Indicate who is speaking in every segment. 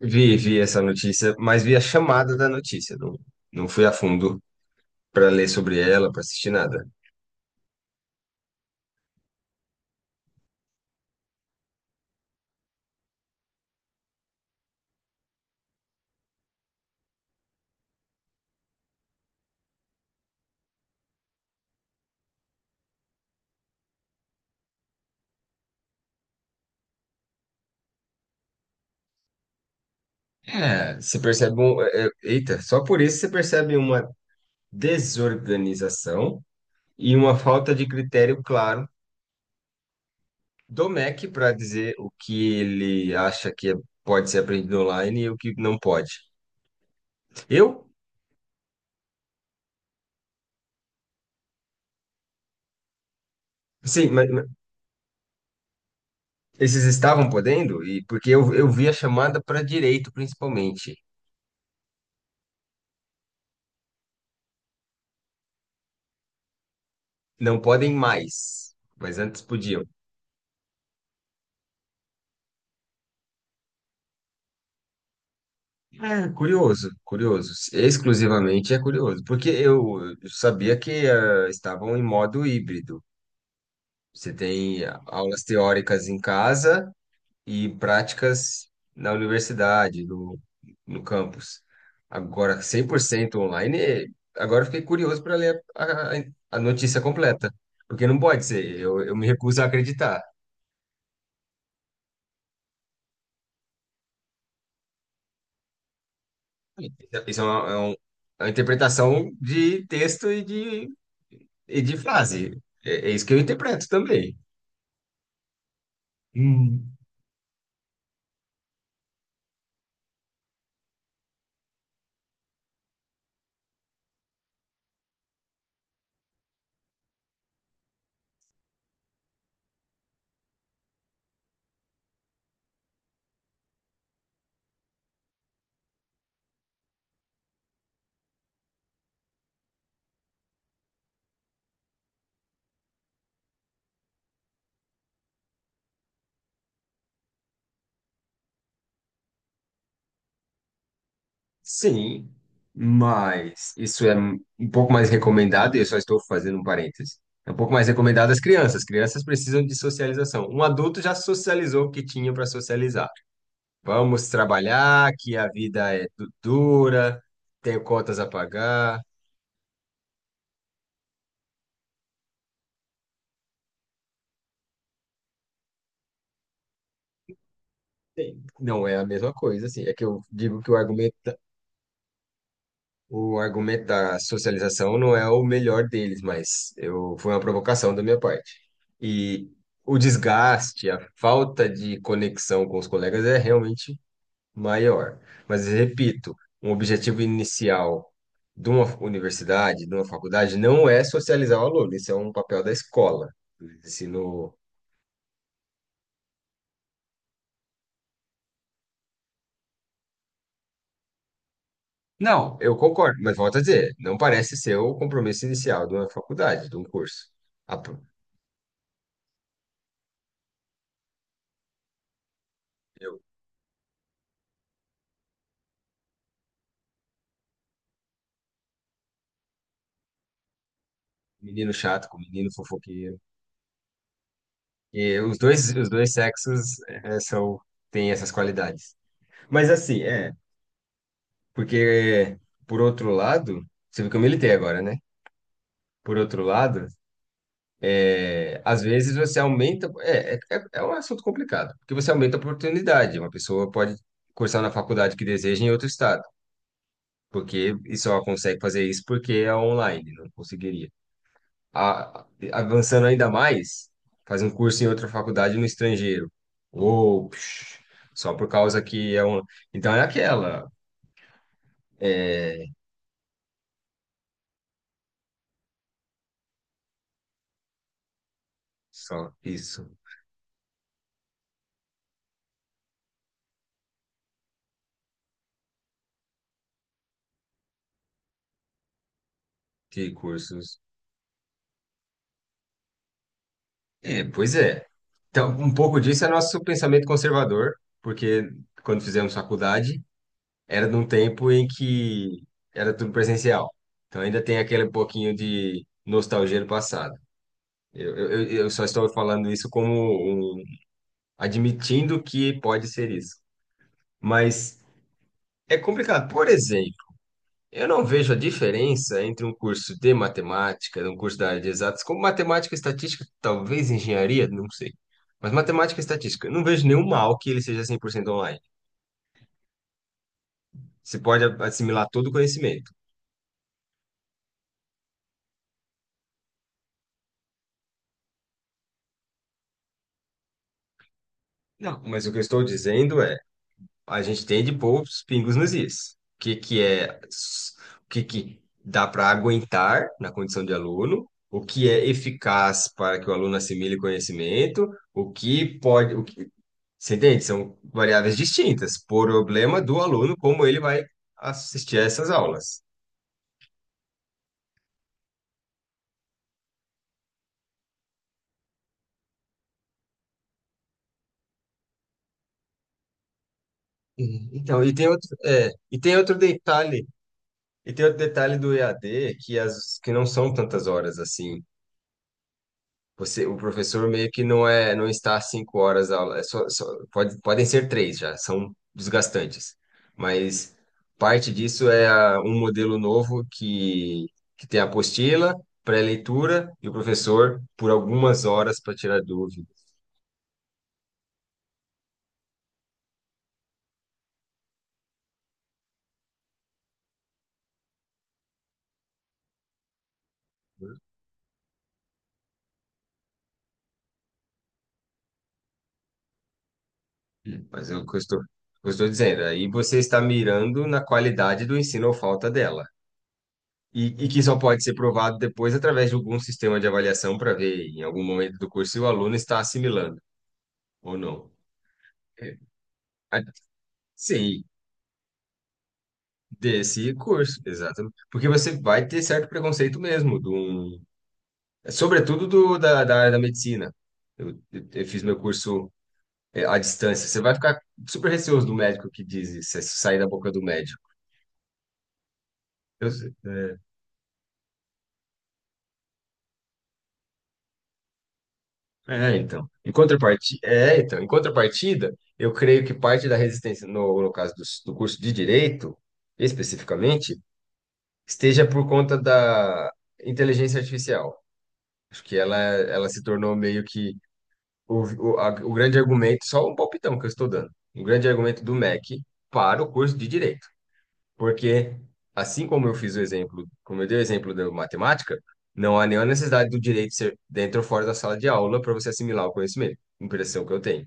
Speaker 1: Vi essa notícia, mas vi a chamada da notícia, não fui a fundo para ler sobre ela, para assistir nada. É, você percebe eita, só por isso você percebe uma desorganização e uma falta de critério claro do MEC para dizer o que ele acha que pode ser aprendido online e o que não pode. Eu, sim, mas esses estavam podendo e porque eu vi a chamada para direito principalmente. Não podem mais, mas antes podiam. É, curioso, curioso. Exclusivamente é curioso, porque eu sabia que estavam em modo híbrido. Você tem aulas teóricas em casa e práticas na universidade, no campus. Agora, 100% online, agora eu fiquei curioso para ler a- a notícia completa, porque não pode ser, eu me recuso a acreditar. Isso é uma interpretação de texto e de frase. É isso que eu interpreto também. Hum. Sim, mas isso é um pouco mais recomendado, e eu só estou fazendo um parênteses. É um pouco mais recomendado às crianças. Crianças precisam de socialização. Um adulto já socializou o que tinha para socializar. Vamos trabalhar, que a vida é dura, tenho contas a pagar. Sim. Não é a mesma coisa, assim. É que eu digo que o argumento da socialização não é o melhor deles, mas eu foi uma provocação da minha parte. E o desgaste, a falta de conexão com os colegas é realmente maior. Mas repito, um objetivo inicial de uma universidade, de uma faculdade, não é socializar o aluno. Isso é um papel da escola, do ensino. Não, eu concordo, mas volto a dizer, não parece ser o compromisso inicial de uma faculdade, de um curso. Ah, pô, eu, menino chato com menino fofoqueiro. E os dois sexos têm essas qualidades. Mas assim, porque por outro lado, você viu que eu militei agora, né? Por outro lado, às vezes você aumenta, é um assunto complicado, porque você aumenta a oportunidade. Uma pessoa pode cursar na faculdade que deseja em outro estado, porque e só consegue fazer isso porque é online, não conseguiria. a- avançando ainda mais, fazer um curso em outra faculdade no estrangeiro. Ou só por causa que é um. Então é aquela. Só isso. Que cursos. É, pois é. Então, um pouco disso é nosso pensamento conservador, porque quando fizemos faculdade, era num tempo em que era tudo presencial. Então ainda tem aquele pouquinho de nostalgia do passado. Eu só estou falando isso como admitindo que pode ser isso. Mas é complicado. Por exemplo, eu não vejo a diferença entre um curso de matemática, um curso da área de exatas, como matemática e estatística, talvez engenharia, não sei. Mas matemática e estatística, eu não vejo nenhum mal que ele seja 100% online. Você pode assimilar todo o conhecimento. Não, mas o que eu estou dizendo é, a gente tem de pôr os pingos nos is. O que que dá para aguentar na condição de aluno, o que é eficaz para que o aluno assimile conhecimento, o que pode, o que, você entende? São variáveis distintas. Problema do aluno, como ele vai assistir a essas aulas. Então, e tem outro detalhe do EAD que as que não são tantas horas assim. O professor meio que não está às 5 horas a aula. Podem ser três já, são desgastantes. Mas parte disso é um modelo novo que tem a apostila, pré-leitura e o professor por algumas horas para tirar dúvidas. Mas é o que eu estou, dizendo. Aí você está mirando na qualidade do ensino ou falta dela. E que só pode ser provado depois através de algum sistema de avaliação para ver em algum momento do curso se o aluno está assimilando ou não. É, a- sim, desse curso, exato. Porque você vai ter certo preconceito mesmo, sobretudo da área da medicina. Eu fiz meu curso à distância. Você vai ficar super receoso do médico que diz isso, se sair da boca do médico. Eu, é, É, então. Em contrapartida, então, em contrapartida, eu creio que parte da resistência, no caso do curso de direito, especificamente, esteja por conta da inteligência artificial. Acho que ela se tornou meio que o, o grande argumento, só um palpitão que eu estou dando, um grande argumento do MEC para o curso de direito. Porque, assim como eu fiz o exemplo, como eu dei o exemplo da matemática, não há nenhuma necessidade do direito ser dentro ou fora da sala de aula para você assimilar o conhecimento. Impressão que eu tenho.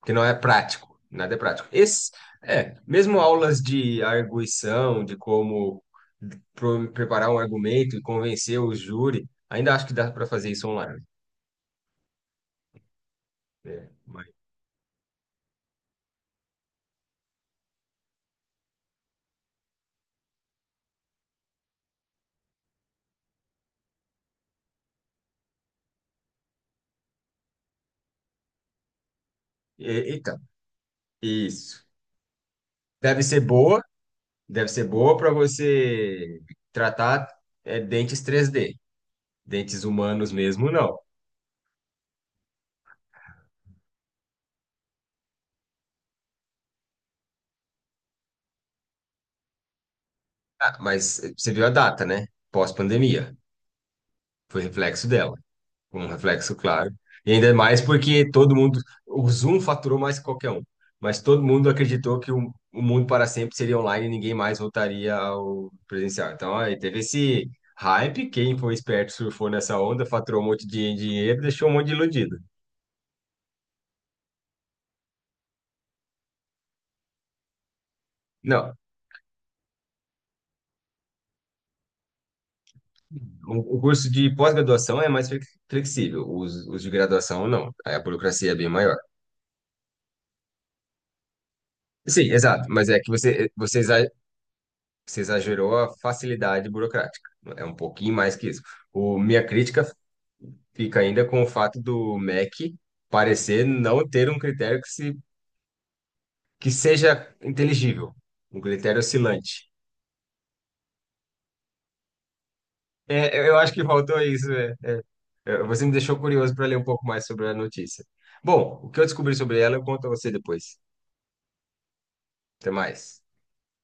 Speaker 1: Porque não é prático, nada é prático. Mesmo aulas de arguição, de como preparar um argumento e convencer o júri, ainda acho que dá para fazer isso online. É, mas, então, isso. Deve ser boa, deve ser boa para você tratar dentes 3D. Dentes humanos mesmo, não. Ah, mas você viu a data, né? Pós-pandemia. Foi reflexo dela. Um reflexo claro. E ainda mais porque todo mundo. O Zoom faturou mais que qualquer um. Mas todo mundo acreditou que o mundo para sempre seria online e ninguém mais voltaria ao presencial. Então, aí teve esse hype. Quem foi esperto surfou nessa onda, faturou um monte de dinheiro, deixou um monte de iludido. Não, o curso de pós-graduação é mais flexível, os de graduação não. Aí a burocracia é bem maior. Sim, exato. Mas é que você, você exagerou a facilidade burocrática. É um pouquinho mais que isso. Minha crítica fica ainda com o fato do MEC parecer não ter um critério que, se, que seja inteligível, um critério oscilante. É, eu acho que faltou isso. É. É, você me deixou curioso para ler um pouco mais sobre a notícia. Bom, o que eu descobri sobre ela, eu conto a você depois. Até mais.